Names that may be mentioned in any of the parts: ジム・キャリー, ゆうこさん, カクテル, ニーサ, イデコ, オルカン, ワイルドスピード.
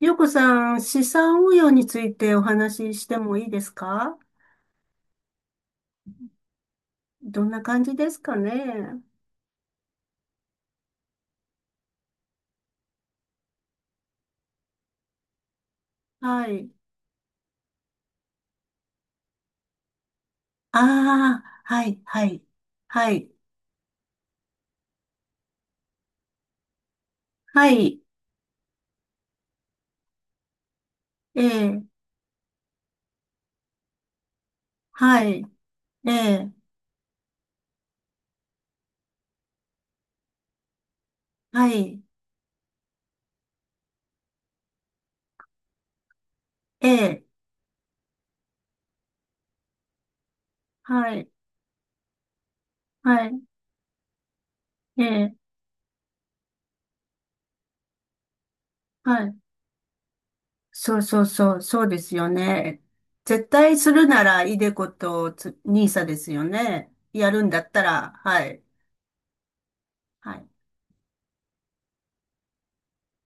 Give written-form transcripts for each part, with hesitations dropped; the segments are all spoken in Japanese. ゆうこさん、資産運用についてお話ししてもいいですか？どんな感じですかね？はい。ああ、はい、はい、はい、はい、ええ、はい、ええ、はい、ええ、はい、はい、ええ、はい。そうそうそう、そうですよね。絶対するなら、イデコとニーサですよね。やるんだったら、はい、はい、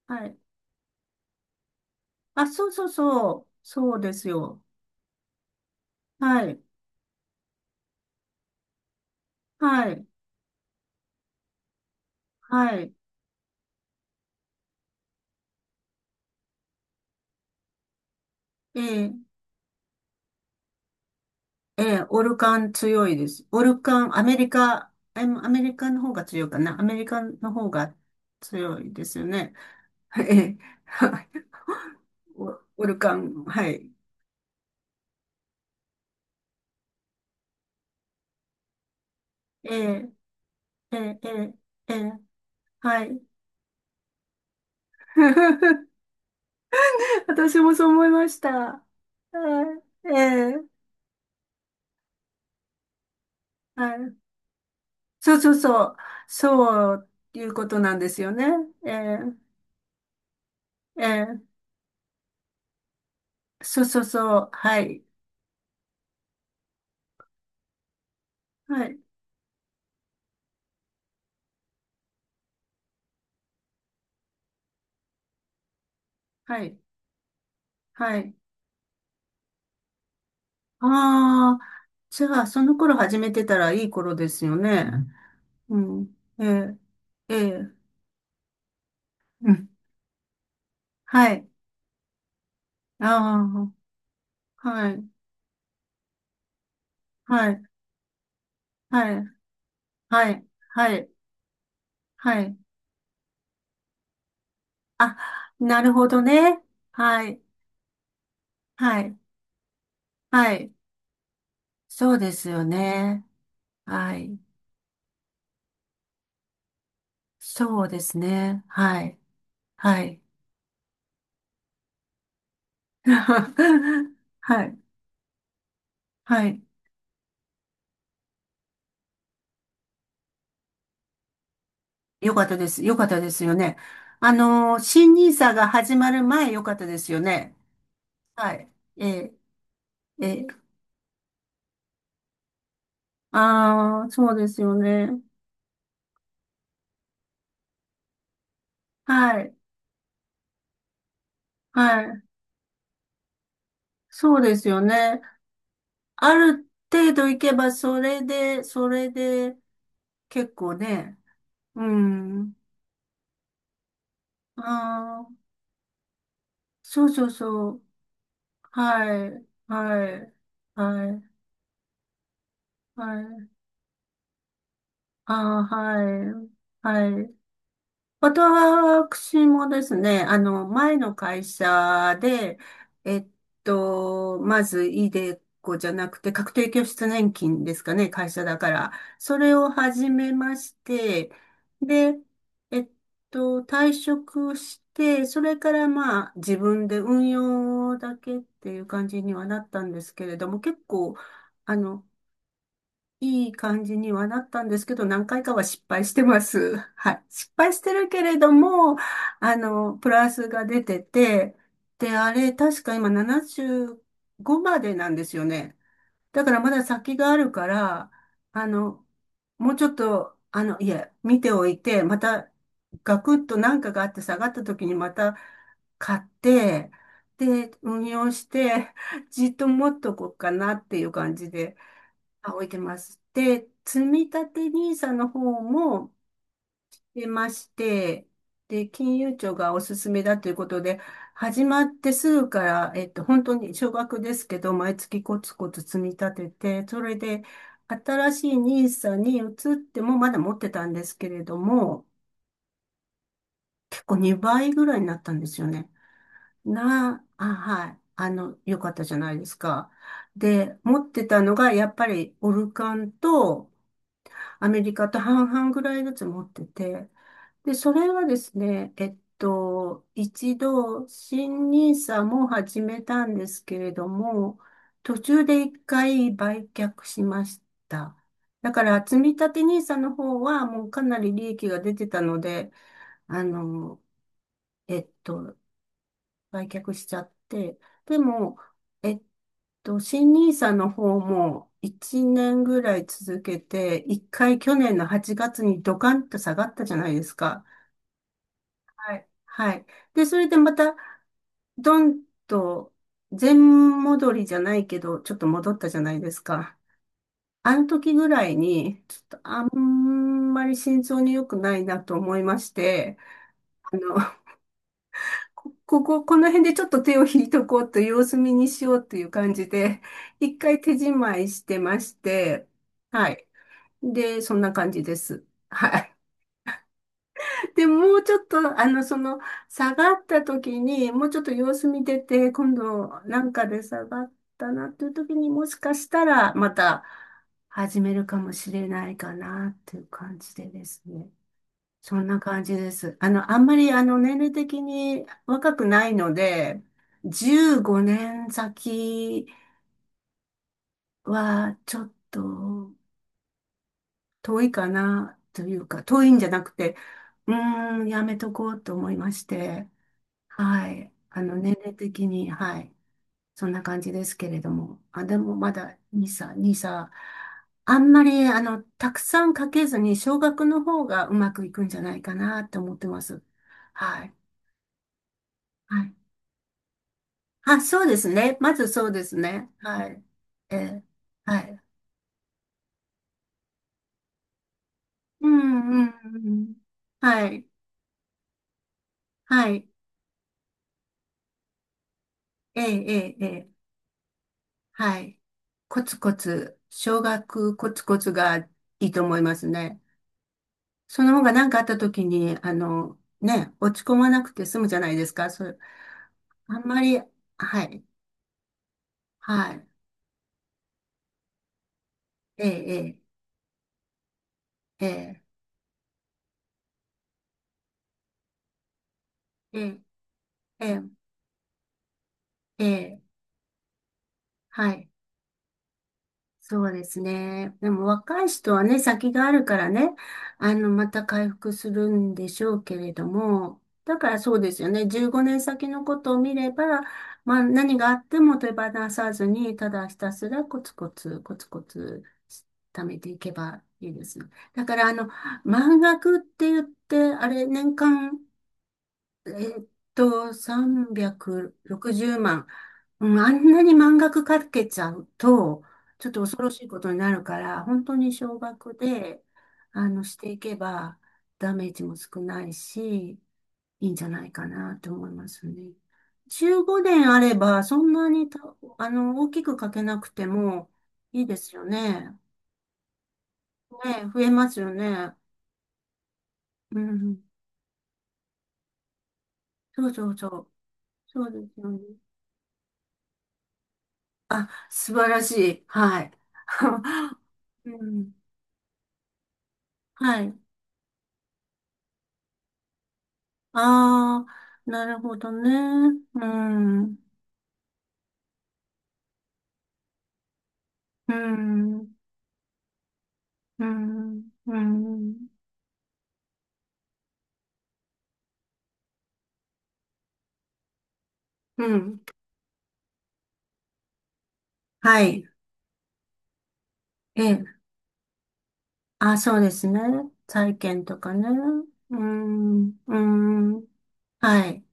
はい。あ、そうそうそう、そうですよ。はい。はい。はい。ええ、ええ、オルカン強いです。オルカン、アメリカの方が強いかな。アメリカの方が強いですよね。ええ、はい。オオルカン、はい。ええ、ええ、ええ、ええ、はい。私もそう思いました。はい、ええ、はい。そうそうそう。そういうことなんですよね。ええ、ええ、そうそうそう。はい。はい。はい。はい。ああ、じゃあ、その頃始めてたらいい頃ですよね。うん。ええ、ええ、うん。はい。ああ、はい。はい。はい。はい。はい。はい。あ、なるほどね。はい。はい。はい。そうですよね。はい。そうですね。はい。はい。はい。はい。よかったです。よかったですよね。あの新ニーサが始まる前よかったですよね。はい。ええ、ええ。ああ、そうですよね。はい。はい。そうですよね。ある程度いけば、それで、結構ね。うん。ああ、そうそうそう。はい。はい。はい。はい。ああ、はい。はい。私もですね、前の会社で、えっまず、イデコじゃなくて、確定拠出年金ですかね、会社だから。それを始めまして、で、えっ退職して、それからまあ、自分で運用だけっていう感じにはなったんですけれども、結構、あの、いい感じにはなったんですけど、何回かは失敗してます。はい。失敗してるけれども、プラスが出てて、で、あれ、確か今75までなんですよね。だからまだ先があるから、あの、もうちょっと、いや見ておいて、また、ガクッと何かがあって下がった時にまた買って、で、運用して、じっと持っとこうかなっていう感じで、あ、置いてます。で、積立ニ i サの方も出まして、で、金融庁がおすすめだということで、始まってすぐから、本当に少額ですけど、毎月コツコツ積み立てて、それで、新しいニーサに移っても、まだ持ってたんですけれども、結構2倍ぐらいになったんですよね。はい。よかったじゃないですか。で、持ってたのが、やっぱり、オルカンと、アメリカと半々ぐらいずつ持ってて、で、それはですね、一度、新ニーサも始めたんですけれども、途中で一回売却しました。だから、積み立てニーサの方はもうかなり利益が出てたので、あの、えっと、売却しちゃって、でも、えっ新ニーサの方も1年ぐらい続けて、1回去年の8月にドカンと下がったじゃないですか。はい。はい。で、それでまた、ドンと、全戻りじゃないけど、ちょっと戻ったじゃないですか。あの時ぐらいに、ちょっとあんまり心臓に良くないなと思いまして、あの、この辺でちょっと手を引いとこうと様子見にしようという感じで、一回手締まいしてまして、はい。で、そんな感じです。はい。で、もうちょっと、下がった時に、もうちょっと様子見てて、今度、なんかで下がったなという時に、もしかしたら、また始めるかもしれないかな、という感じでですね。そんな感じです。あんまり年齢的に若くないので、15年先はちょっと遠いかなというか、遠いんじゃなくて、やめとこうと思いまして、はい。年齢的に、はい。そんな感じですけれども。あ、でもまだ2歳、2歳。あんまり、たくさんかけずに、少額の方がうまくいくんじゃないかなと思ってます。はい。はい、あ、そうですね。まずそうですね。はい。ええ、はい。うん、うん、うん。はい。はい。ええ、ええ、ええ、はい。コツコツ、少額コツコツがいいと思いますね。その方が何かあった時に、ね、落ち込まなくて済むじゃないですか。それ、あんまり、はい。はい。ええ、ええ、ええ、ええ、ええ、ええ、はい。そうですね。でも若い人はね、先があるからね、また回復するんでしょうけれども、だからそうですよね。15年先のことを見れば、まあ何があっても手放さずに、ただひたすらコツコツ、コツコツ貯めていけばいいですね。だから満額って言って、あれ、年間えーっと、360万。うん、あんなに満額かけちゃうと、ちょっと恐ろしいことになるから、本当に少額で、していけば、ダメージも少ないし、いいんじゃないかなと思いますね。15年あれば、そんなにた、あの、大きくかけなくてもいいですよね。ね、増えますよね。うん。そうそうそう。そうですよね。素晴らしい。はい。うん。はい。ああ、なるほどね。うん。うん。うん。うん。うん、はい。ええ。あ、そうですね。債券とかね。うん。うん。はい。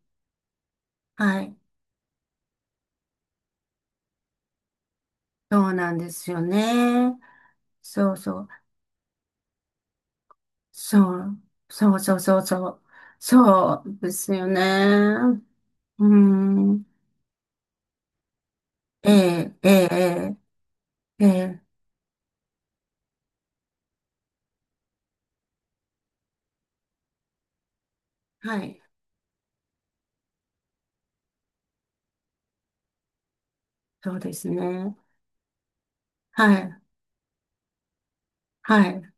はい。そうなんですよね。そうそう。そう。そうそうそうそう。そうですよね。うん。ええ、ええ、ええ。ええ、はい。そうですね。はい。はい。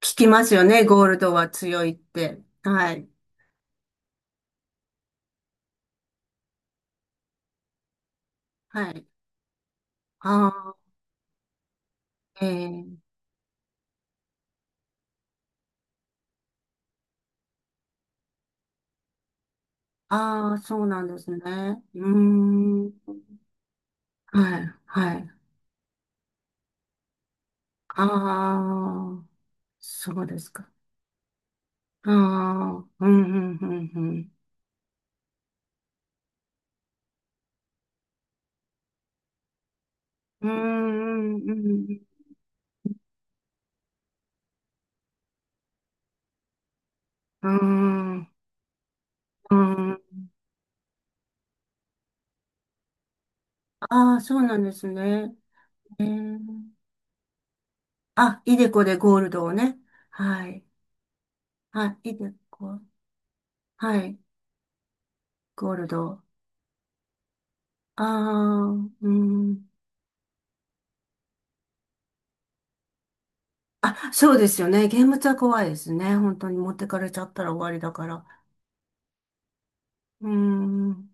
聞きますよね。ゴールドは強いって。はい。はい。ああ、ええ。ああ、そうなんですね。うーん。はい。はい。ああ、そうですか。ああ、うん、うん、うん、うん。うーん、うん、うん。うん。ああ、そうなんですね。ええ。あ、イデコでゴールドをね。はい。はい。イデコ。はい。ゴールド。ああ、うん。あ、そうですよね。現物は怖いですね。本当に持ってかれちゃったら終わりだから。うーん、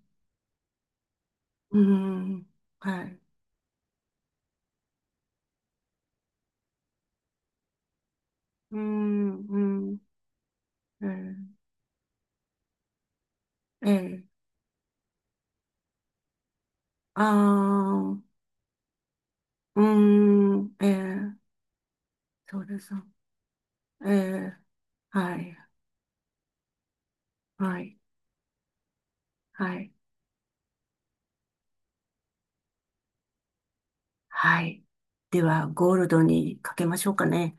うーん、はい。うーん、うーん、えー、えー、あー、うーん、えー、そうです。えー、はい、はい、はい、はい。では、ゴールドにかけましょうかね。